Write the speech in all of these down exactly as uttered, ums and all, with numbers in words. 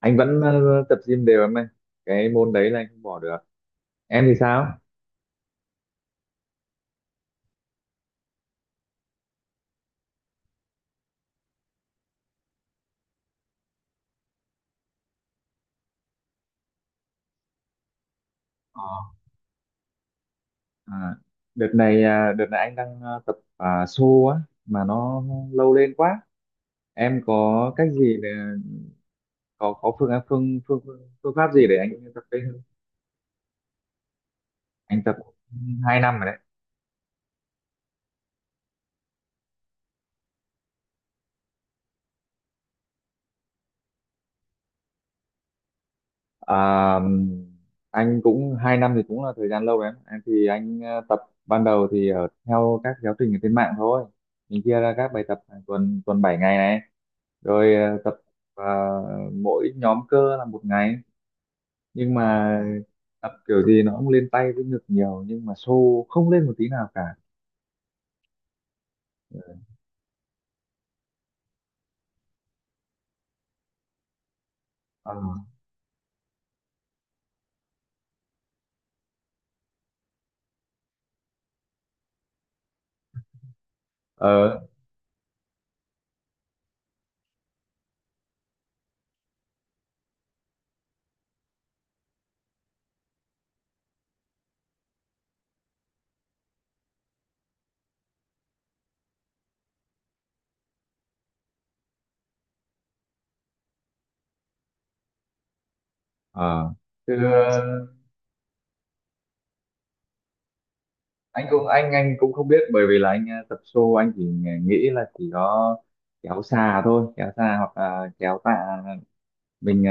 Anh vẫn ờ, tập gym đều em ơi. Cái môn đấy là anh không bỏ được. Em thì sao? Ờ, à, đợt này à, đợt này anh đang ờ, tập à, xô á, mà nó lâu lên quá. Em có cách gì để có có phương án phương phương phương phương pháp gì để anh tập đây không? Anh tập hai năm rồi. À, anh cũng hai năm thì cũng là thời gian lâu đấy em. Em thì anh ờ, tập ban đầu thì ở theo các giáo trình ở trên mạng thôi, mình chia ra các bài tập hàng tuần, tuần bảy ngày này, rồi ờ, tập ờ, mỗi nhóm cơ là một ngày. Nhưng mà tập kiểu gì nó cũng lên tay với ngực nhiều, nhưng mà xô không lên một tí nào cả. ờ ờ ờ. Chứ anh cũng anh anh cũng không biết bởi vì là anh ờ, tập show, anh chỉ à, nghĩ là chỉ có kéo xà thôi, kéo xà hoặc là kéo tạ, mình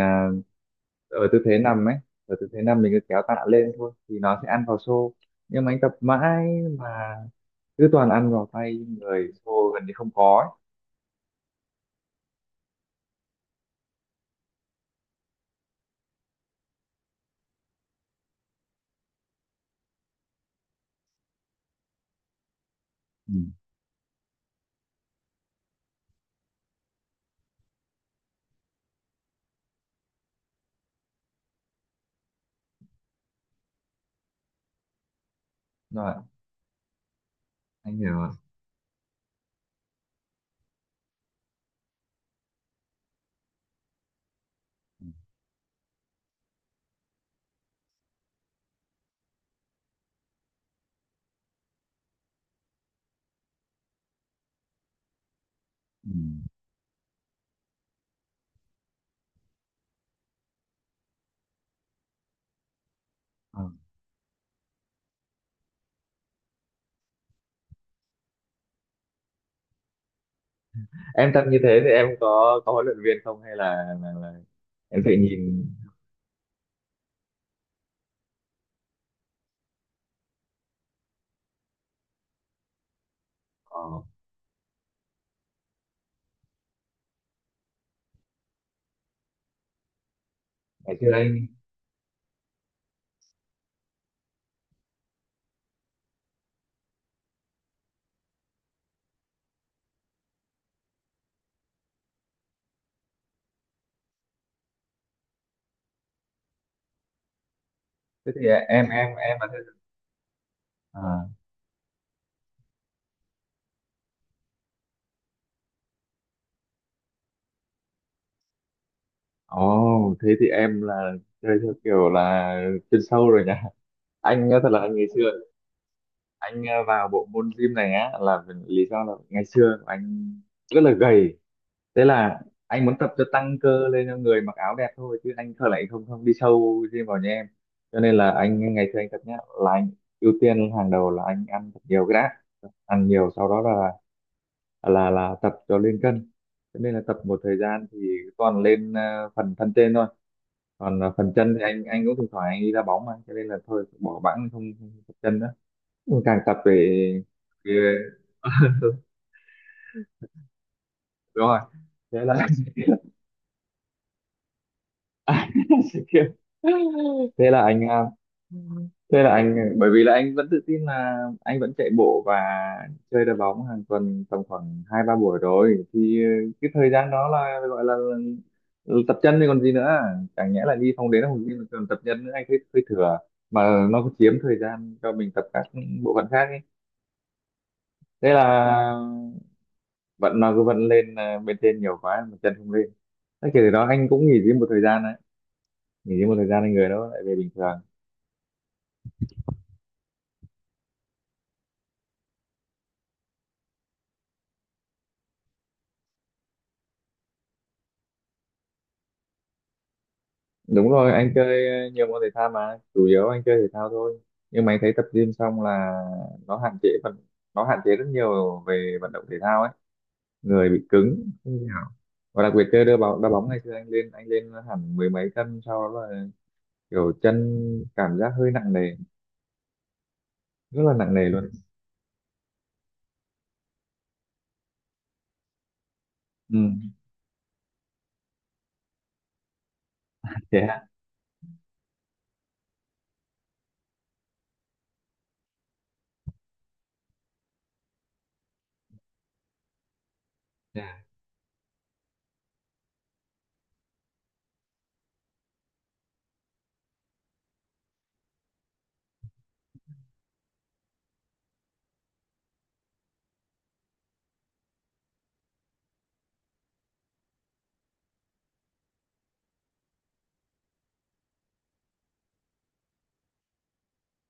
ờ, ở tư thế nằm ấy, ở tư thế nằm mình cứ kéo tạ lên thôi thì nó sẽ ăn vào show, nhưng mà anh tập mãi mà cứ toàn ăn vào tay, người show gần như không có ấy. Ừ. Rồi, anh hiểu rồi. Ừ. Ừ. Ờ. Em tập như thế thì em có có huấn luyện viên không, hay là, là, là em tự nhìn? ờ. Ngày xưa anh. Thế thì em em em là thế à. Ồ, thế thì em là chơi theo kiểu là chuyên sâu rồi nha. Anh á, thật là anh ngày xưa anh ờ, vào bộ môn gym này á là vì- lý do là ngày xưa anh rất là gầy. Thế là anh muốn tập cho tăng cơ lên cho người mặc áo đẹp thôi, chứ anh thật lại không không đi sâu gym vào như em. Cho nên là anh ngày xưa anh tập nhá, là anh ưu tiên hàng đầu là anh ăn thật nhiều cái đã. Ăn nhiều sau đó là là là tập cho lên cân. Cho nên là tập một thời gian thì toàn lên ờ, phần thân trên thôi, còn à, phần chân thì anh anh cũng thỉnh thoảng anh đi đá bóng mà, cho nên là thôi bỏ bẵng, không, không tập chân nữa, càng tập về về- đúng rồi, thế là à, thế là anh à, thế là anh, bởi vì là anh vẫn tự tin là anh vẫn chạy bộ và chơi đá bóng hàng tuần tầm khoảng hai ba buổi rồi, thì ừ, cái thời gian đó là gọi là tập chân thì còn gì nữa, chẳng nhẽ là đi phòng đến phòng gym mà còn tập chân nữa, anh thấy hơi thừa, mà nó cũng chiếm thời gian cho mình tập các bộ phận khác ấy. Thế là vận nó cứ vận lên à, bên trên nhiều quá mà chân không lên, thế kể từ đó anh cũng nghỉ gym một thời gian đấy, nghỉ gym một thời gian anh người đó lại về bình thường. Đúng rồi, anh chơi ờ, nhiều môn thể thao, mà chủ yếu anh chơi thể thao thôi. Nhưng mà anh thấy tập gym xong là nó hạn chế phần nó hạn chế rất nhiều về vận động thể thao ấy, người bị cứng không thể nào, và đặc biệt chơi đá bóng đá bóng ngày xưa anh lên anh lên hẳn mười mấy cân, sau đó là kiểu chân cảm giác hơi nặng nề, rất là nặng nề luôn. Ừ. Thế hả? Dạ.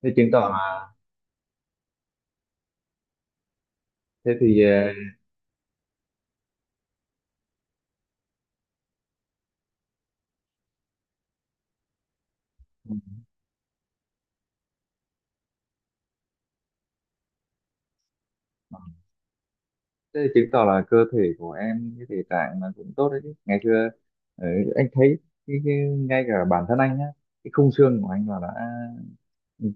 thế chứng tỏ là thế thì ờ, Thế thì chứng tỏ là cơ thể của em, cái thể trạng là cũng tốt đấy chứ. Ngày xưa ờ, anh thấy cái, cái, ngay cả bản thân anh á, cái khung xương của anh là đã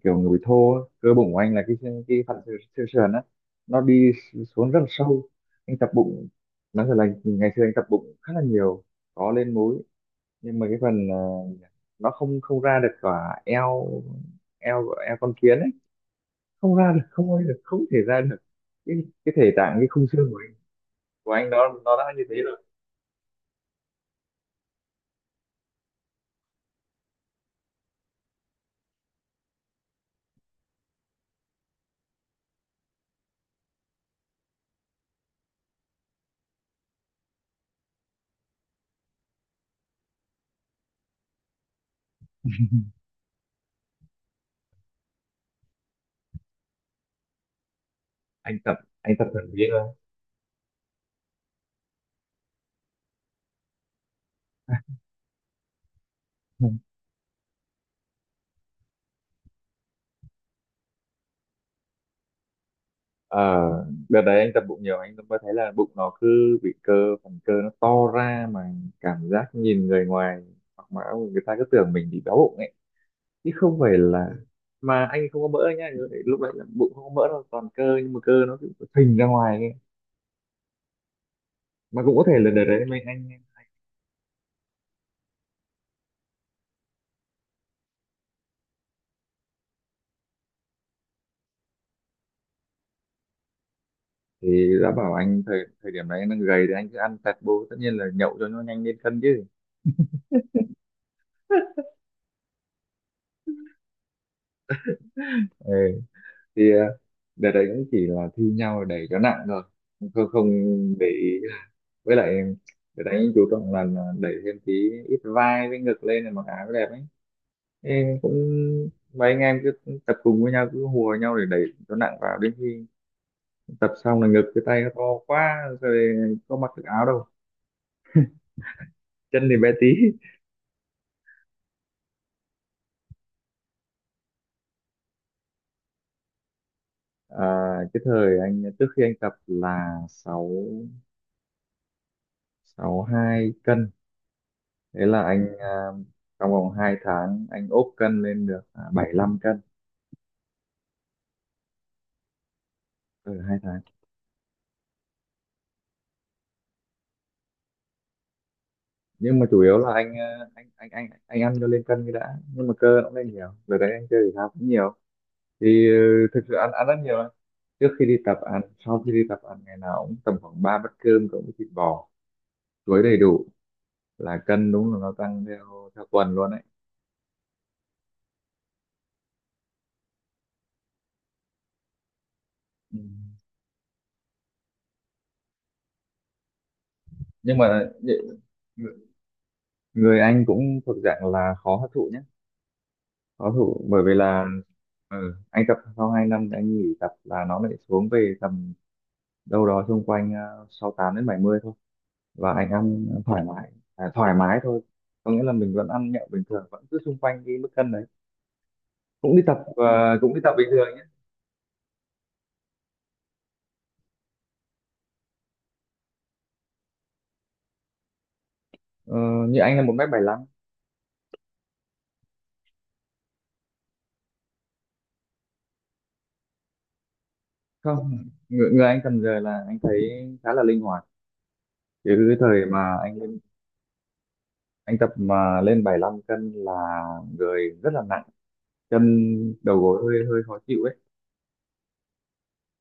kiểu người bị thô á. Cơ bụng của anh là cái xương- cái phần xương xương sườn á, nó đi xuống rất là sâu. Anh tập bụng, nói thật là ngày xưa anh tập bụng khá là nhiều, có lên múi, nhưng mà cái phần ờ, nó không không ra được cả eo, eo eo con kiến ấy, không ra được, không ra được, không thể ra được, cái cái thể trạng cái khung xương của anh của anh nó nó đã như thế rồi. anh tập anh tập thuần túy thôi. Ờ, đợt đấy anh tập bụng nhiều anh mới thấy là bụng nó cứ bị cơ, phần cơ nó to ra mà, cảm giác nhìn người ngoài hoặc mà người ta cứ tưởng mình bị béo bụng ấy, chứ không phải là, mà anh không có mỡ nhá, lúc đấy là bụng không có mỡ đâu, toàn cơ nhưng mà cơ nó cứ phình ra ngoài ấy. Mà cũng có thể là đợt đấy mình anh, thì đã bảo anh thời thời điểm đấy anh đang gầy thì anh cứ ăn tẹt bô, tất nhiên là nhậu cho nó nhanh lên cân chứ. Ừ. Thì ờ, đợt đấy cũng chỉ là thi nhau để cho nặng thôi, không không để ý. Với lại đợt đấy chú trọng là là đẩy thêm tí ít vai với ngực lên là mặc áo đẹp ấy. Thế cũng mấy anh em cứ tập cùng với nhau, cứ hùa nhau để đẩy cho nặng vào, đến khi tập xong là ngực cái tay nó to quá, rồi có mặc được áo đâu, chân thì bé tí. à, cái thời anh trước khi anh tập là sáu sáu hai cân, thế là anh à, trong vòng hai tháng anh ốp cân lên được à, bảy lăm cân. Ở hai tháng, nhưng mà chủ yếu là anh à, anh anh anh anh ăn cho lên cân cái đã, nhưng mà cơ nó cũng lên nhiều rồi đấy, anh chơi thể thao cũng nhiều, thì ừ, thực sự ăn ăn rất nhiều đấy. Trước khi đi tập ăn, sau khi đi tập ăn, ngày nào cũng tầm khoảng ba bát cơm cộng với thịt bò, chuối đầy đủ, là cân đúng là nó tăng theo theo tuần luôn đấy. Ừ. Nhưng mà nhị- người anh cũng thuộc dạng là khó hấp thụ nhé, khó thủ bởi vì là ừ, anh tập sau hai năm thì anh nghỉ tập là nó lại xuống về tầm đâu đó xung quanh ờ, sáu tám đến bảy mươi thôi, và anh ăn thoải mái à, thoải mái thôi, có nghĩa là mình vẫn ăn nhậu bình thường vẫn cứ xung quanh cái mức cân đấy, cũng đi tập ờ, cũng đi tập bình thường nhé. Ờ, như anh là một mét bảy lăm. Không, người, người anh cần giờ là anh thấy khá là linh hoạt, chứ cái thời mà anh lên- anh tập mà lên bảy lăm cân là người rất là nặng, chân, đầu gối hơi hơi khó chịu ấy.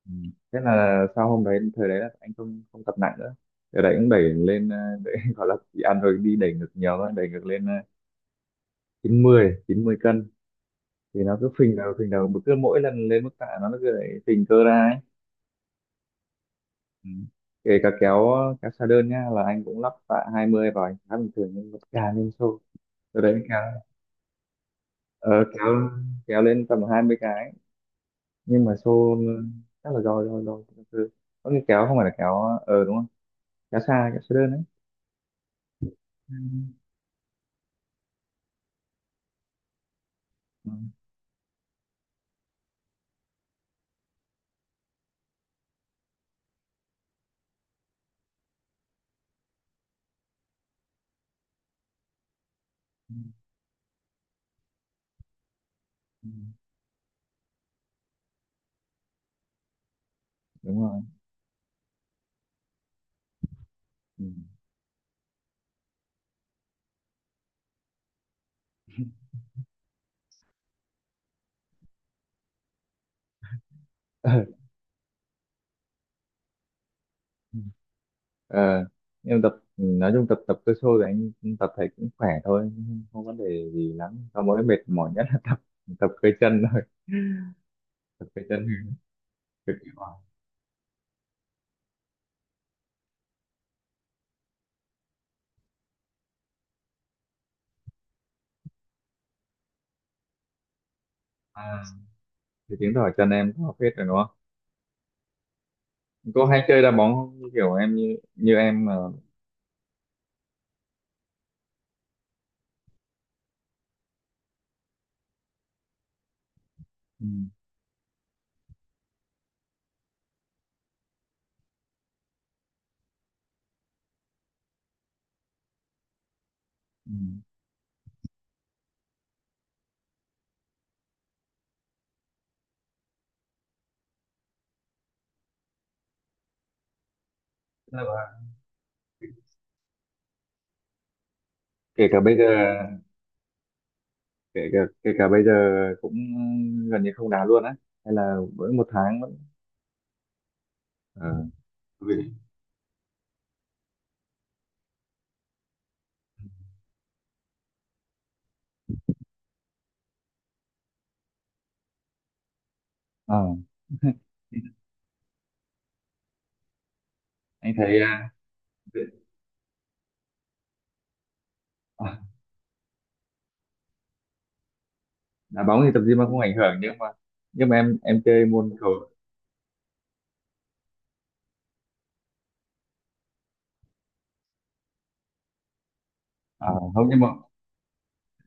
Ừ. Thế là sau hôm đấy, thời đấy là anh không không tập nặng nữa, thời đấy cũng đẩy lên ờ, đẩy, gọi là chỉ ăn rồi đi đẩy ngược nhiều thôi, đẩy ngược lên ờ, chín mươi chín mươi cân, thì nó cứ phình đầu phình đầu, cứ mỗi lần lên mức tạ nó cứ đẩy phình cơ ra ấy. Ừ. Kể cả kéo kéo xa đơn nhá là anh cũng lắp tạ hai mươi vào, anh khá bình thường, nhưng mà càng lên xô, từ đấy kéo ờ, kéo kéo lên tầm hai mươi cái, nhưng mà xô chắc là do do do có khi kéo không phải là kéo ờ đúng không, kéo xa kéo xa đơn đấy. Ừ. Ừ, đúng rồi. Ừ. Ờ, nhưng tập nói chung tập tập cơ sô thì anh tập thấy cũng khỏe thôi, không không vấn đề gì lắm, sau mỗi mệt mỏi nhất là tập tập cơ chân thôi, tập cơ chân cực kỳ mỏi. À, thì chứng tỏ chân em có phết rồi đúng không? Có hay chơi đá bóng không? Kiểu em như như em mà. Ừ, ừ. Tức là kể cả bây giờ kể cả kể cả bây giờ cũng gần như không đá luôn á, hay là mỗi một tháng vẫn ờ ừ. Ờ. Anh thấy à, à, đá bóng thì tập gym mà không ảnh hưởng, nhưng mà nhưng mà em em chơi môn cầu à, không, nhưng mà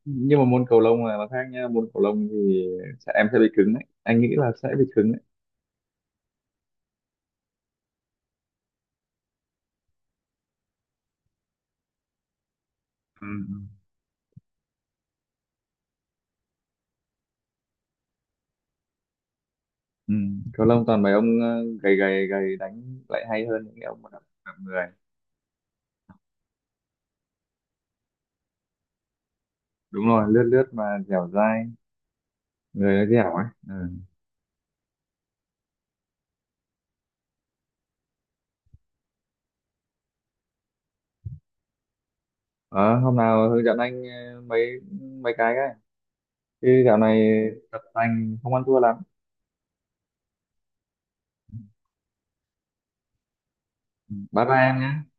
nhưng mà môn cầu lông là nó khác nha, môn cầu lông thì sẽ, em sẽ bị cứng đấy, anh nghĩ là sẽ bị cứng đấy. Ừ. Ừ. Ừ, cầu lông toàn mấy ông ờ, gầy gầy gầy đánh lại hay hơn những cái ông mà đập đập người, đúng rồi lướt lướt mà dẻo dai, người nó dẻo ấy, ừ. Ờ, hôm nào hướng dẫn anh ờ, mấy mấy cái cái, chứ dạo này tập tành không ăn thua lắm. Bye bye em nhé.